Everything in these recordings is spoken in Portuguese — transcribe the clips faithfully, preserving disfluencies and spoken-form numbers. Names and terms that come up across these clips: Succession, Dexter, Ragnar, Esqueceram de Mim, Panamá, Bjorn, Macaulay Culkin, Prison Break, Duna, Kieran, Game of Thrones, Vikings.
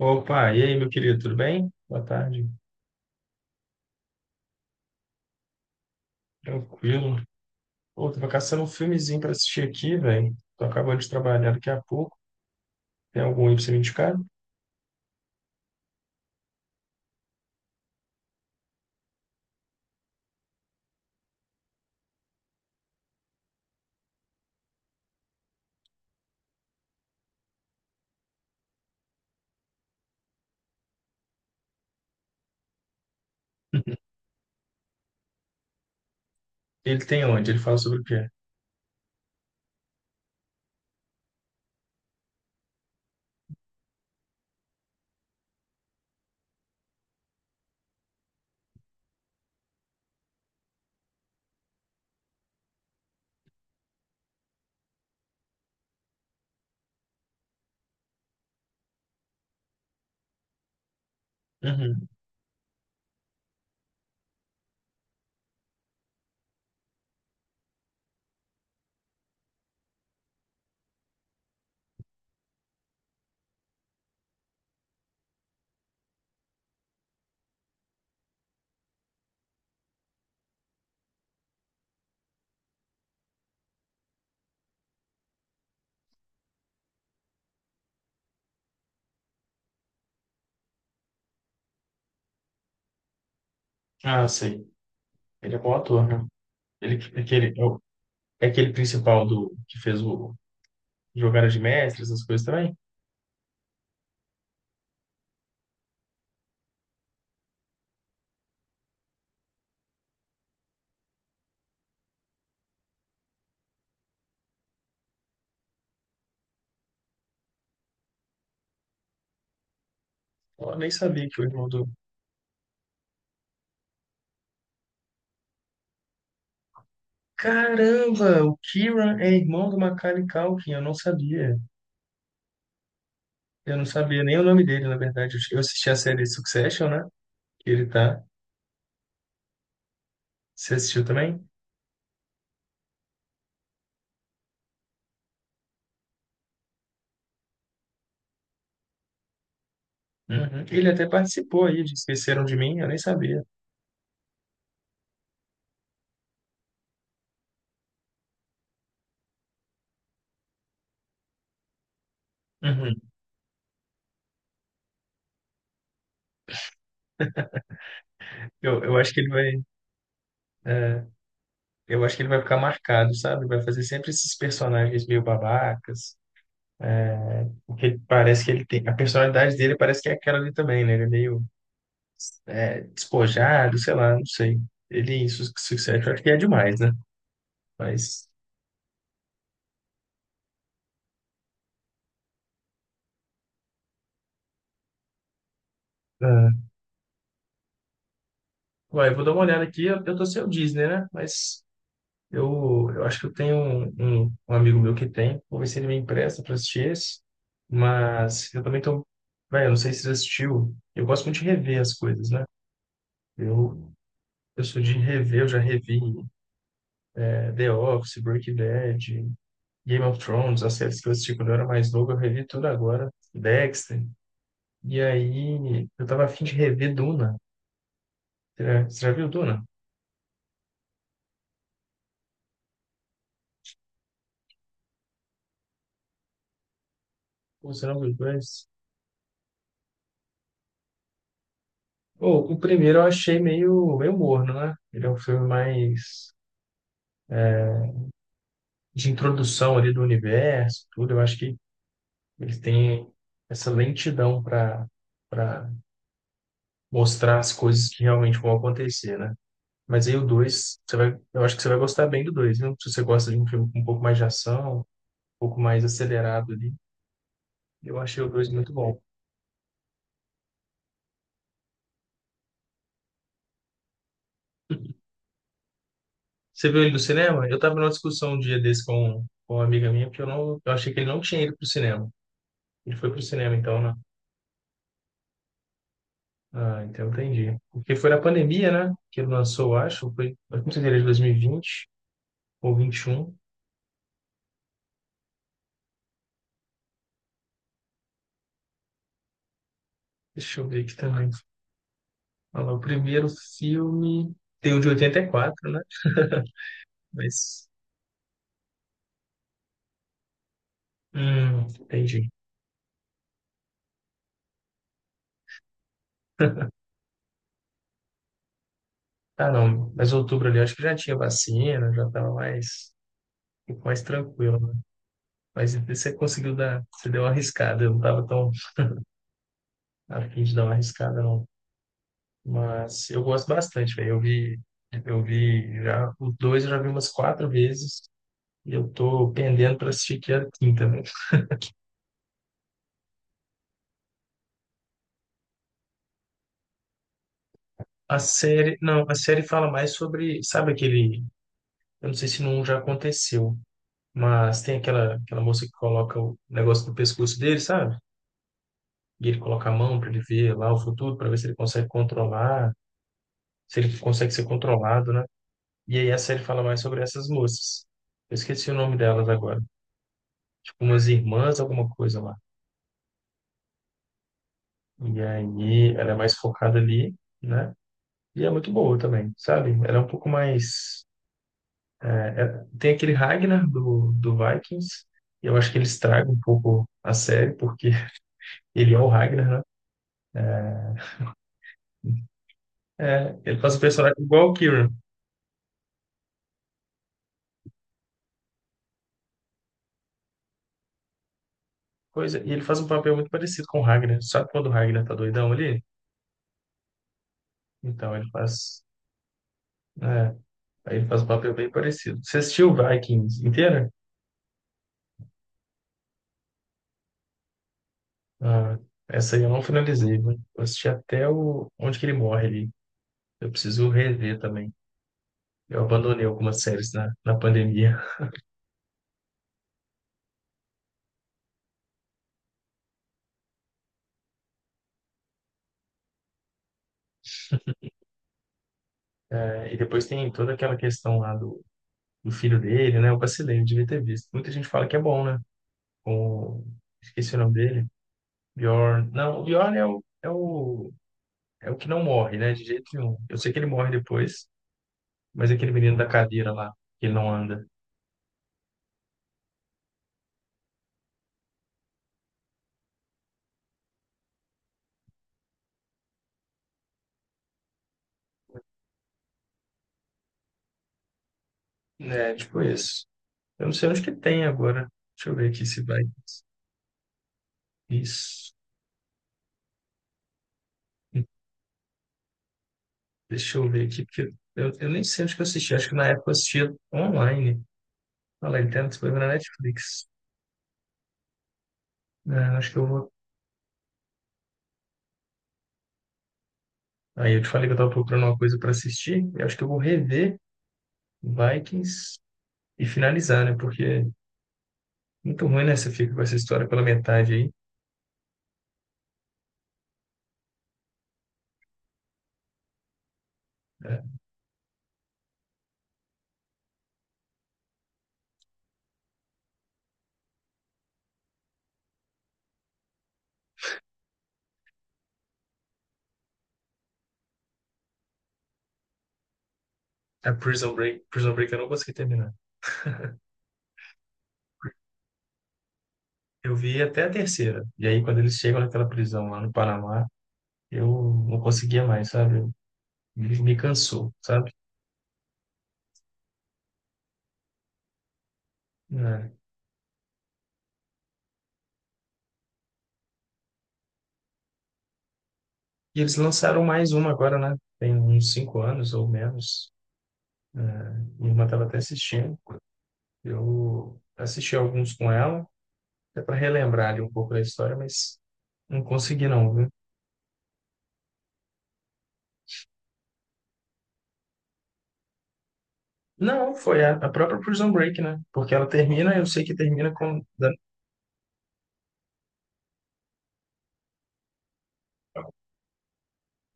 Opa, e aí, meu querido, tudo bem? Boa tarde. Tranquilo. Pô, tava caçando um filmezinho pra assistir aqui, velho. Tô acabando de trabalhar daqui a pouco. Tem algum aí pra você me indicar? Ele tem onde? Ele fala sobre o quê? Uhum. Ah, sei. Ele é bom ator, né? Ele, aquele, é, o- É aquele principal do que fez o Jogada de Mestres, essas coisas também? Eu nem sabia que o irmão do... Caramba, o Kieran é irmão do Macaulay Culkin, eu não sabia. Eu não sabia nem o nome dele, na verdade. Eu assisti a série Succession, né? Que ele tá. Você assistiu também? Uhum. Ele até participou aí de Esqueceram de Mim, eu nem sabia. Uhum. Eu, eu acho que ele vai, é, eu acho que ele vai ficar marcado, sabe? Vai fazer sempre esses personagens meio babacas, porque parece que ele tem, a personalidade dele parece que é aquela ali também, né? Ele é meio é, despojado, sei lá, não sei. Ele, su Sucesso, acho que é demais, né? Mas, é. Ué, eu vou dar uma olhada aqui, eu, eu tô sem o Disney, né? Mas Eu, eu acho que eu tenho um, um, um amigo meu que tem, vou ver se ele me empresta para assistir esse, mas eu também tô, velho, eu não sei se você assistiu, eu gosto muito de rever as coisas, né? Eu, eu sou de rever, eu já revi é, The Office, Breaking Bad, Game of Thrones, as séries que eu assisti quando eu era mais novo, eu revi tudo agora, Dexter, e aí eu tava afim de rever Duna, você já, você já viu Duna? Ou você não viu dois? Pô, o primeiro eu achei meio, meio morno, né? Ele é um filme mais de introdução ali do universo, tudo, eu acho que eles têm essa lentidão para para mostrar as coisas que realmente vão acontecer, né? Mas aí o dois você vai, eu acho que você vai gostar bem do dois viu? Se você gosta de um filme com um pouco mais de ação, um pouco mais acelerado ali, eu achei o dois muito bom. Você viu ele do cinema? Eu tava numa discussão um dia desse com, com uma amiga minha, porque eu não, eu achei que ele não tinha ido pro cinema. Ele foi pro cinema, então, né? Ah, então entendi. Porque foi na pandemia, né? Que ele lançou, eu acho. Foi, eu não sei se ele é de dois mil e vinte ou vinte e um. Deixa eu ver aqui também. Olha lá, o primeiro filme tem o de oitenta e quatro, né? Mas. Hum, entendi. Ah, não. Mas outubro ali, eu acho que já tinha vacina, já tava mais, um pouco mais tranquilo, né? Mas você conseguiu dar. Você deu uma arriscada. Eu não tava tão afim de dar uma arriscada, não. Mas eu gosto bastante, velho. Eu vi. Eu vi já. O dois eu já vi umas quatro vezes. E eu tô pendendo para assistir que é a quinta, né? A série, não, a série fala mais sobre, sabe aquele, eu não sei se não já aconteceu, mas tem aquela aquela moça que coloca o negócio no pescoço dele, sabe? E ele coloca a mão para ele ver lá o futuro, para ver se ele consegue controlar, se ele consegue ser controlado, né? E aí a série fala mais sobre essas moças. Eu esqueci o nome delas agora. Tipo umas irmãs, alguma coisa lá. E aí ela é mais focada ali, né? E é muito boa também, sabe? Ela é um pouco mais. Tem aquele Ragnar do, do Vikings, e eu acho que ele estraga um pouco a série, porque ele é o Ragnar, né? É, ele faz um personagem igual o Kieran. Coisa, e ele faz um papel muito parecido com o Ragnar. Sabe quando o Ragnar tá doidão ali? Então, ele faz. É, aí ele faz um papel bem parecido. Você assistiu Vikings inteira? Ah, essa aí eu não finalizei, né? Eu assisti até o, onde que ele morre ali. Eu preciso rever também. Eu abandonei algumas séries na, na pandemia. É, e depois tem toda aquela questão lá do do filho dele, né? Eu vacilei, eu devia ter visto. Muita gente fala que é bom, né? Com... Esqueci o nome dele. Bjorn. Não, o Bjorn é o, é o, é o que não morre, né? De jeito nenhum. Eu sei que ele morre depois, mas é aquele menino da cadeira lá, que ele não anda. É, tipo isso. Eu não sei onde que tem agora. Deixa eu ver aqui se vai. Isso. Deixa eu ver aqui, porque eu, eu nem sei onde que eu assisti. Acho que na época eu assistia online. Olha lá, ele tem disponível na Netflix. É, acho que eu vou. Aí eu te falei que eu tava procurando uma coisa para assistir, e acho que eu vou rever Vikings e finalizar, né? Porque é muito ruim, né? Você fica com essa história pela metade aí. Né? A Prison Break, Prison Break eu não consegui terminar. Eu vi até a terceira, e aí quando eles chegam naquela prisão lá no Panamá, eu não conseguia mais, sabe? Eu- Me, me cansou, sabe? Né? E eles lançaram mais uma agora, né? Tem uns cinco anos ou menos. Né? Minha irmã estava até assistindo. Eu assisti alguns com ela, é para relembrar ali um pouco da história, mas não consegui não, viu? Não, foi a, a própria Prison Break, né? Porque ela termina, eu sei que termina com... da-.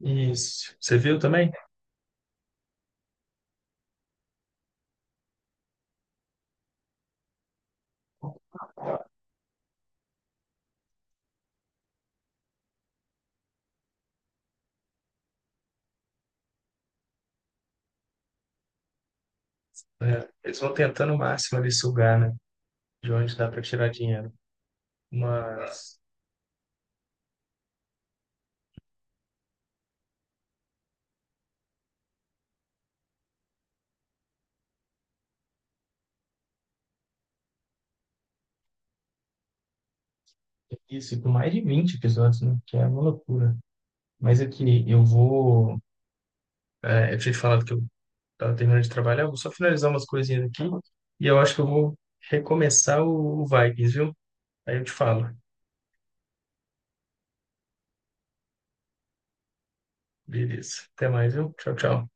Isso. Você viu também? É, eles vão tentando o máximo ali sugar, né? De onde dá para tirar dinheiro. Mas... Isso, e com mais de vinte episódios, né? Que é uma loucura. Mas aqui, eu vou... é, eu tinha te falado que eu tava terminando de trabalhar, eu vou só finalizar umas coisinhas aqui e eu acho que eu vou recomeçar o, o Vikings, viu? Aí eu te falo. Beleza. Até mais, viu? Tchau, tchau.